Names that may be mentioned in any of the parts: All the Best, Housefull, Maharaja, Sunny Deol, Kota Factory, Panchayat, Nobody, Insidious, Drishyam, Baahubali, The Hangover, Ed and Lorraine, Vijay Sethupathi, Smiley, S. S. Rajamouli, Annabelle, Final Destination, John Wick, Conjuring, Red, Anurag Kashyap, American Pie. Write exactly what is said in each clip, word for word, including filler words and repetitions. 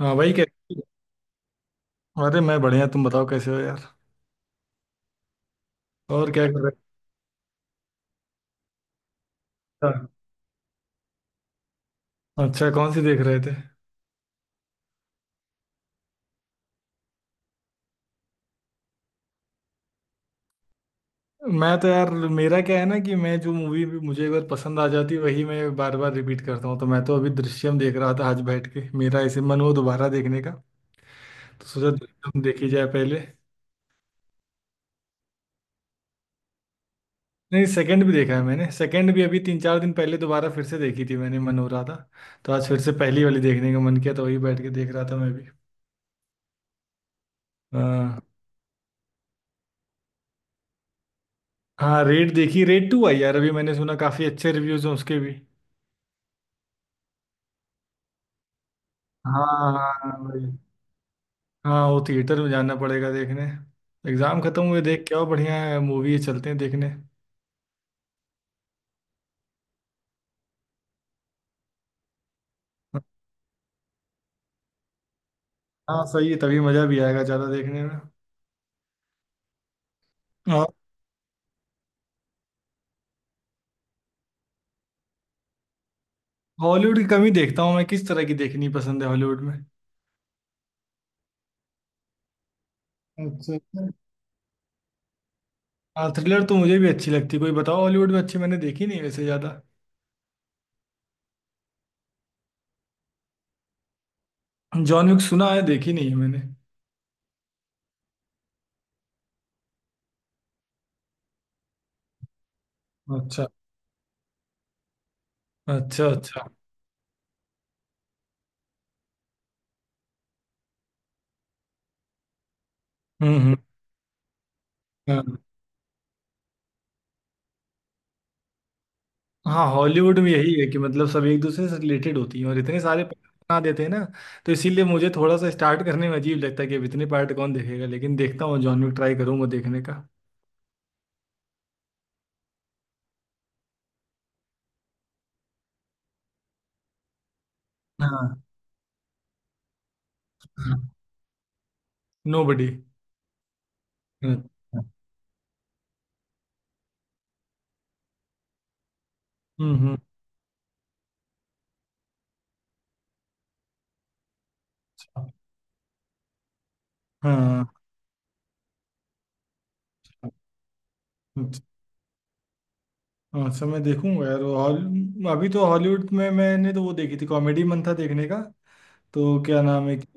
हाँ भाई, कैसे। अरे मैं बढ़िया, तुम बताओ कैसे हो यार। और क्या कर रहे थे। अच्छा, कौन सी देख रहे थे। मैं तो यार, मेरा क्या है ना कि मैं जो मूवी मुझे एक बार पसंद आ जाती है वही मैं बार बार रिपीट करता हूँ। तो मैं तो अभी दृश्यम देख रहा था आज बैठ के, मेरा ऐसे मन हुआ दोबारा देखने का। तो सोचा दृश्यम देखी जाए पहले। नहीं, सेकंड भी देखा है मैंने। सेकंड भी अभी तीन चार दिन पहले दोबारा फिर से देखी थी मैंने, मन हो रहा था। तो आज फिर से पहली वाली देखने का मन किया तो वही बैठ के देख रहा था मैं भी। हाँ हाँ, रेड देखी। रेड टू आई यार, अभी मैंने सुना काफी अच्छे रिव्यूज हैं उसके भी। हाँ हाँ, वही। हाँ, वो थिएटर में जाना पड़ेगा देखने। एग्जाम खत्म हुए, देख के आओ, बढ़िया है मूवी है, चलते हैं देखने। हाँ सही है, तभी मजा भी आएगा ज्यादा देखने में। और हॉलीवुड की कमी देखता हूँ मैं। किस तरह की देखनी पसंद है हॉलीवुड में। अच्छा अच्छा। हाँ, थ्रिलर तो मुझे भी अच्छी लगती। कोई बताओ हॉलीवुड में अच्छी, मैंने देखी नहीं वैसे ज्यादा। जॉन विक सुना है, देखी नहीं है मैंने। अच्छा। अच्छा अच्छा। हम्म हम्म। हाँ। हाँ, हॉलीवुड में यही है कि मतलब सब एक दूसरे से रिलेटेड होती हैं और इतने सारे पार्ट बना देते हैं ना। तो इसीलिए मुझे थोड़ा सा स्टार्ट करने में अजीब लगता है कि अब इतने पार्ट कौन देखेगा। लेकिन देखता हूँ, जॉन विक ट्राई करूंगा देखने का। हाँ हाँ, नोबडी। अच्छा। हम्म हम्म। हाँ। अच्छा अच्छा, मैं देखूंगा यार वो हॉल। अभी तो हॉलीवुड में मैंने तो वो देखी थी कॉमेडी, मन था देखने का। तो क्या नाम है कि,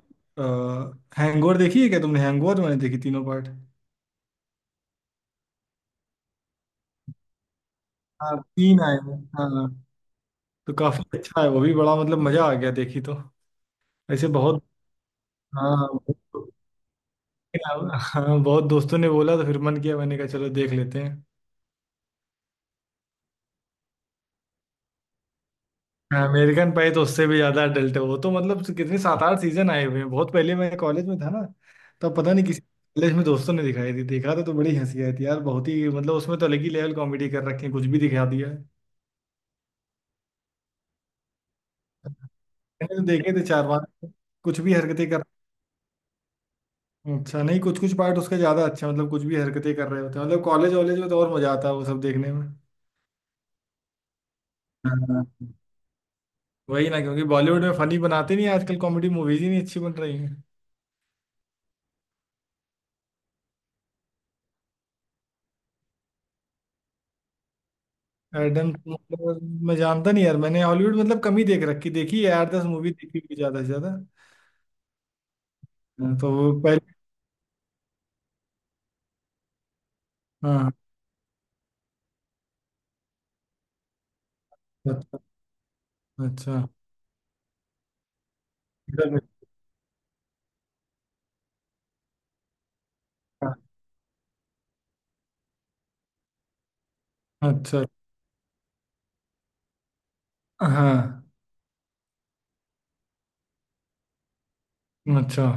आ, हैंगओवर देखी है क्या तुमने? हैंगओवर मैंने देखी तीनों पार्ट। हाँ तीन आए हैं, हाँ। तो काफी अच्छा है वो भी, बड़ा मतलब मजा आ गया देखी तो। ऐसे बहुत। हाँ बहुत- हाँ बहुत दोस्तों ने बोला तो फिर मन किया, मैंने कहा चलो देख लेते हैं। हाँ, अमेरिकन पाई तो उससे भी ज्यादा अडल्ट है वो तो। मतलब कितने सात आठ सीजन आए हुए हैं, बहुत पहले मैं कॉलेज में था ना। तब पता नहीं किसी कॉलेज में दोस्तों ने दिखाई थी, देखा था तो बड़ी हंसी आई थी यार बहुत ही। मतलब उसमें तो अलग ही लेवल कॉमेडी कर रखी है, कुछ भी दिखा दिया है। मैंने तो देखे थे चार पांच। कुछ भी हरकतें कर। अच्छा, नहीं कुछ कुछ पार्ट उसके ज्यादा अच्छे हैं, मतलब कुछ भी हरकतें कर रहे होते हैं, मतलब कॉलेज वॉलेज में तो और मजा आता है वो सब देखने में। हाँ। वही ना, क्योंकि बॉलीवुड में फनी बनाते नहीं आजकल, कॉमेडी मूवीज ही नहीं अच्छी बन रही हैं। एडम मतलब। मैं जानता नहीं यार, मैंने हॉलीवुड मतलब कम ही देख रखी देखी है, आठ दस मूवी देखी हुई ज्यादा से ज्यादा। हाँ। तो वो पहले। हाँ। अच्छा अच्छा। अच्छा। हाँ। अच्छा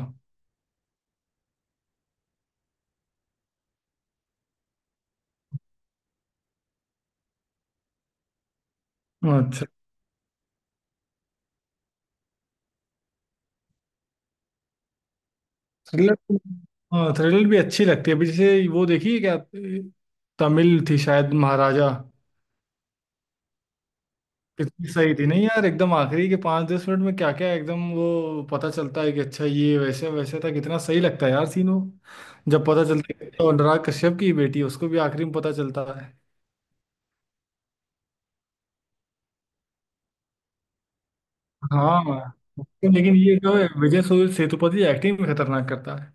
अच्छा। थ्रिलर। हाँ, थ्रिलर भी अच्छी लगती है। अभी जैसे वो देखी है क्या, तमिल थी शायद, महाराजा। कितनी सही थी, नहीं यार एकदम आखिरी के पाँच दस मिनट में क्या क्या एकदम वो पता चलता है कि अच्छा ये वैसे वैसे था, कितना सही लगता है यार सीन वो। जब पता चलता है कि वो अनुराग कश्यप की बेटी है, उसको भी आखिरी में पता चलता है। हाँ उसको। लेकिन ये जो है विजय सूर्य सेतुपति, एक्टिंग भी खतरनाक करता है।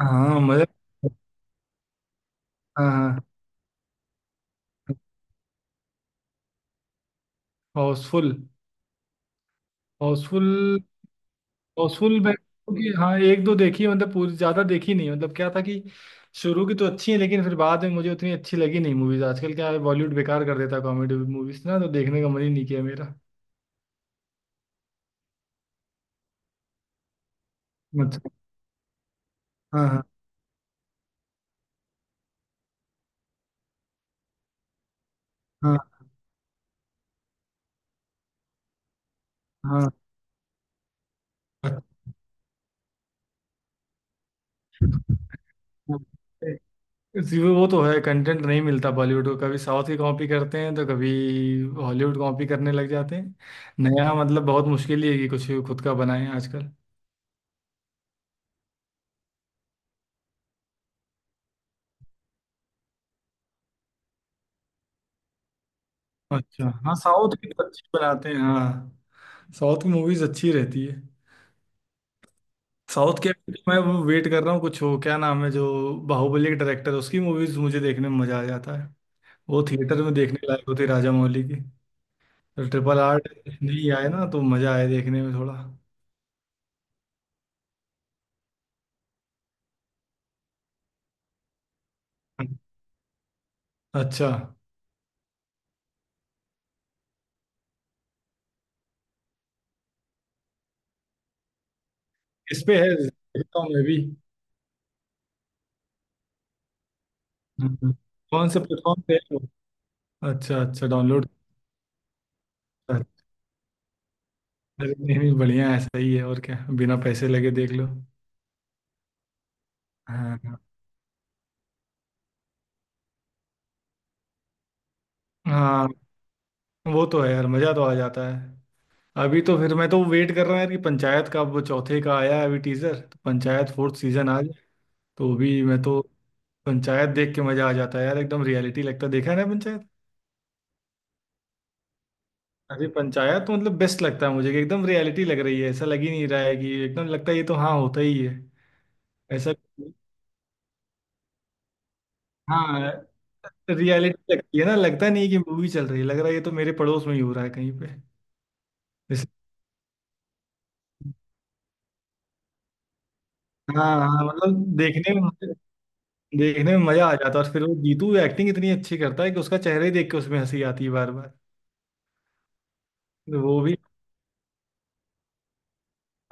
हाँ मजा। हाँ, हाउसफुल। हाउसफुल। हाउसफुल मैं क्योंकि हाँ एक दो देखी है, मतलब पूरी ज्यादा देखी नहीं, मतलब क्या था कि शुरू की तो अच्छी है लेकिन फिर बाद में मुझे उतनी अच्छी लगी नहीं मूवीज आजकल, क्या है बॉलीवुड बेकार कर देता है कॉमेडी मूवीज, ना तो देखने का मन ही नहीं किया मेरा। अच्छा। हाँ। हाँ। हाँ। हाँ। हाँ। जी, वो वो तो है, कंटेंट नहीं मिलता बॉलीवुड को, कभी साउथ की कॉपी करते हैं तो कभी हॉलीवुड कॉपी करने लग जाते हैं। नया मतलब बहुत मुश्किल ही है कि कुछ खुद का बनाएं आजकल। अच्छा हाँ, साउथ की तो अच्छी बनाते हैं हाँ। साउथ की मूवीज अच्छी रहती है। साउथ के, मैं वो वेट कर रहा हूँ कुछ हो क्या नाम है जो बाहुबली के डायरेक्टर, उसकी मूवीज मुझे देखने में मजा आ जाता है। वो थिएटर में देखने लायक होती है राजा मौली की। तो ट्रिपल आर नहीं आए ना तो मजा आए देखने में थोड़ा। अच्छा, इस पे है देखता हूँ मैं भी। हम्म। कौन से प्लेटफॉर्म पे है वो? अच्छा अच्छा, डाउनलोड। अरे नहीं नहीं, बढ़िया है सही है और क्या, बिना पैसे लगे देख लो। हाँ हाँ हाँ, वो तो है यार, मजा तो आ जाता है। अभी तो फिर मैं तो वेट कर रहा हूँ यार कि पंचायत का अब चौथे का आया है अभी टीजर, तो पंचायत फोर्थ सीजन आ जाए। तो अभी मैं तो पंचायत देख के मजा आ जाता है यार, एकदम रियलिटी लगता है, देखा है ना पंचायत। अरे पंचायत तो मतलब बेस्ट लगता है मुझे कि एकदम रियलिटी लग रही है, ऐसा लग ही नहीं रहा है कि एकदम, लगता है ये तो हाँ होता ही है ऐसा। हाँ, रियलिटी लगती है ना, लगता नहीं है कि मूवी चल रही है, लग रहा है ये तो मेरे पड़ोस में ही हो रहा है कहीं पे। जैसे- हाँ हाँ, मतलब देखने में। देखने में मजा आ जाता है और फिर वो जीतू, एक्टिंग इतनी अच्छी करता है कि उसका चेहरा ही देख के उसमें हंसी आती है बार बार। तो वो भी।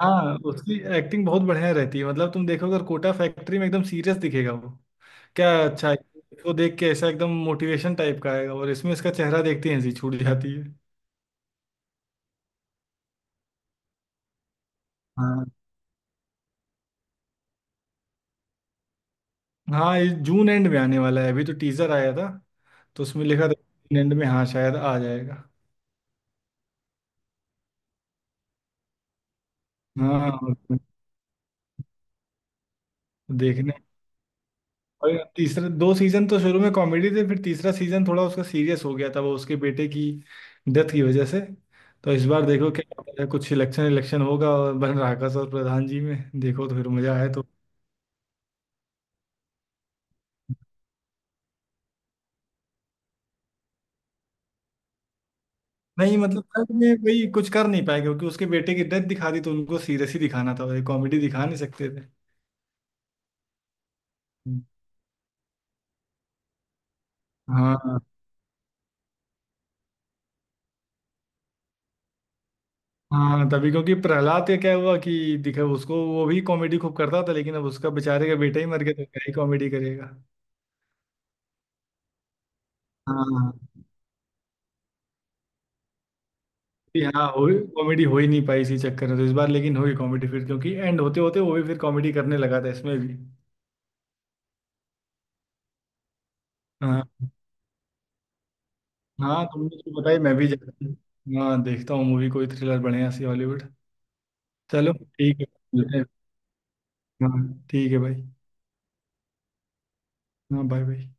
हाँ, उसकी एक्टिंग बहुत बढ़िया रहती है, मतलब तुम देखोगे और कोटा फैक्ट्री में एकदम सीरियस दिखेगा वो, क्या अच्छा है। उसको देख के ऐसा एकदम मोटिवेशन टाइप का आएगा, और इसमें इसका चेहरा देखते ही हंसी छूट जाती है। हाँ। हाँ, ये जून एंड में आने वाला है, अभी तो टीजर आया था। तो उसमें लिखा था जून एंड में, हाँ शायद आ जाएगा। हाँ देखने। और तीसरा, दो सीजन तो शुरू में कॉमेडी थे, फिर तीसरा सीजन थोड़ा उसका सीरियस हो गया था वो उसके बेटे की डेथ की वजह से। तो इस बार देखो क्या होता है, कुछ इलेक्शन इलेक्शन होगा और बन राकस और प्रधान जी में, देखो तो फिर मजा आए तो। नहीं मतलब थर्ड में भाई कुछ कर नहीं पाए, क्योंकि उसके बेटे की डेथ दिखा दी, तो उनको सीरियस ही दिखाना था, कॉमेडी दिखा नहीं सकते थे। हाँ हाँ तभी, क्योंकि प्रहलाद का क्या हुआ कि दिखा उसको, वो भी कॉमेडी खूब करता था, लेकिन अब उसका बेचारे का बेटा ही मर गया तो क्या ही कॉमेडी करेगा। हाँ यहाँ हो, कॉमेडी हो ही नहीं पाई इसी चक्कर में, तो इस बार लेकिन होगी कॉमेडी फिर, क्योंकि एंड होते होते वो भी फिर कॉमेडी करने लगा था इसमें भी। हाँ हाँ, तुमने तो बताई, मैं भी जाती हूँ। हाँ देखता हूँ मूवी कोई थ्रिलर बढ़िया सी हॉलीवुड। चलो ठीक है, मिलते हैं। हाँ ठीक है भाई। हाँ बाय बाय।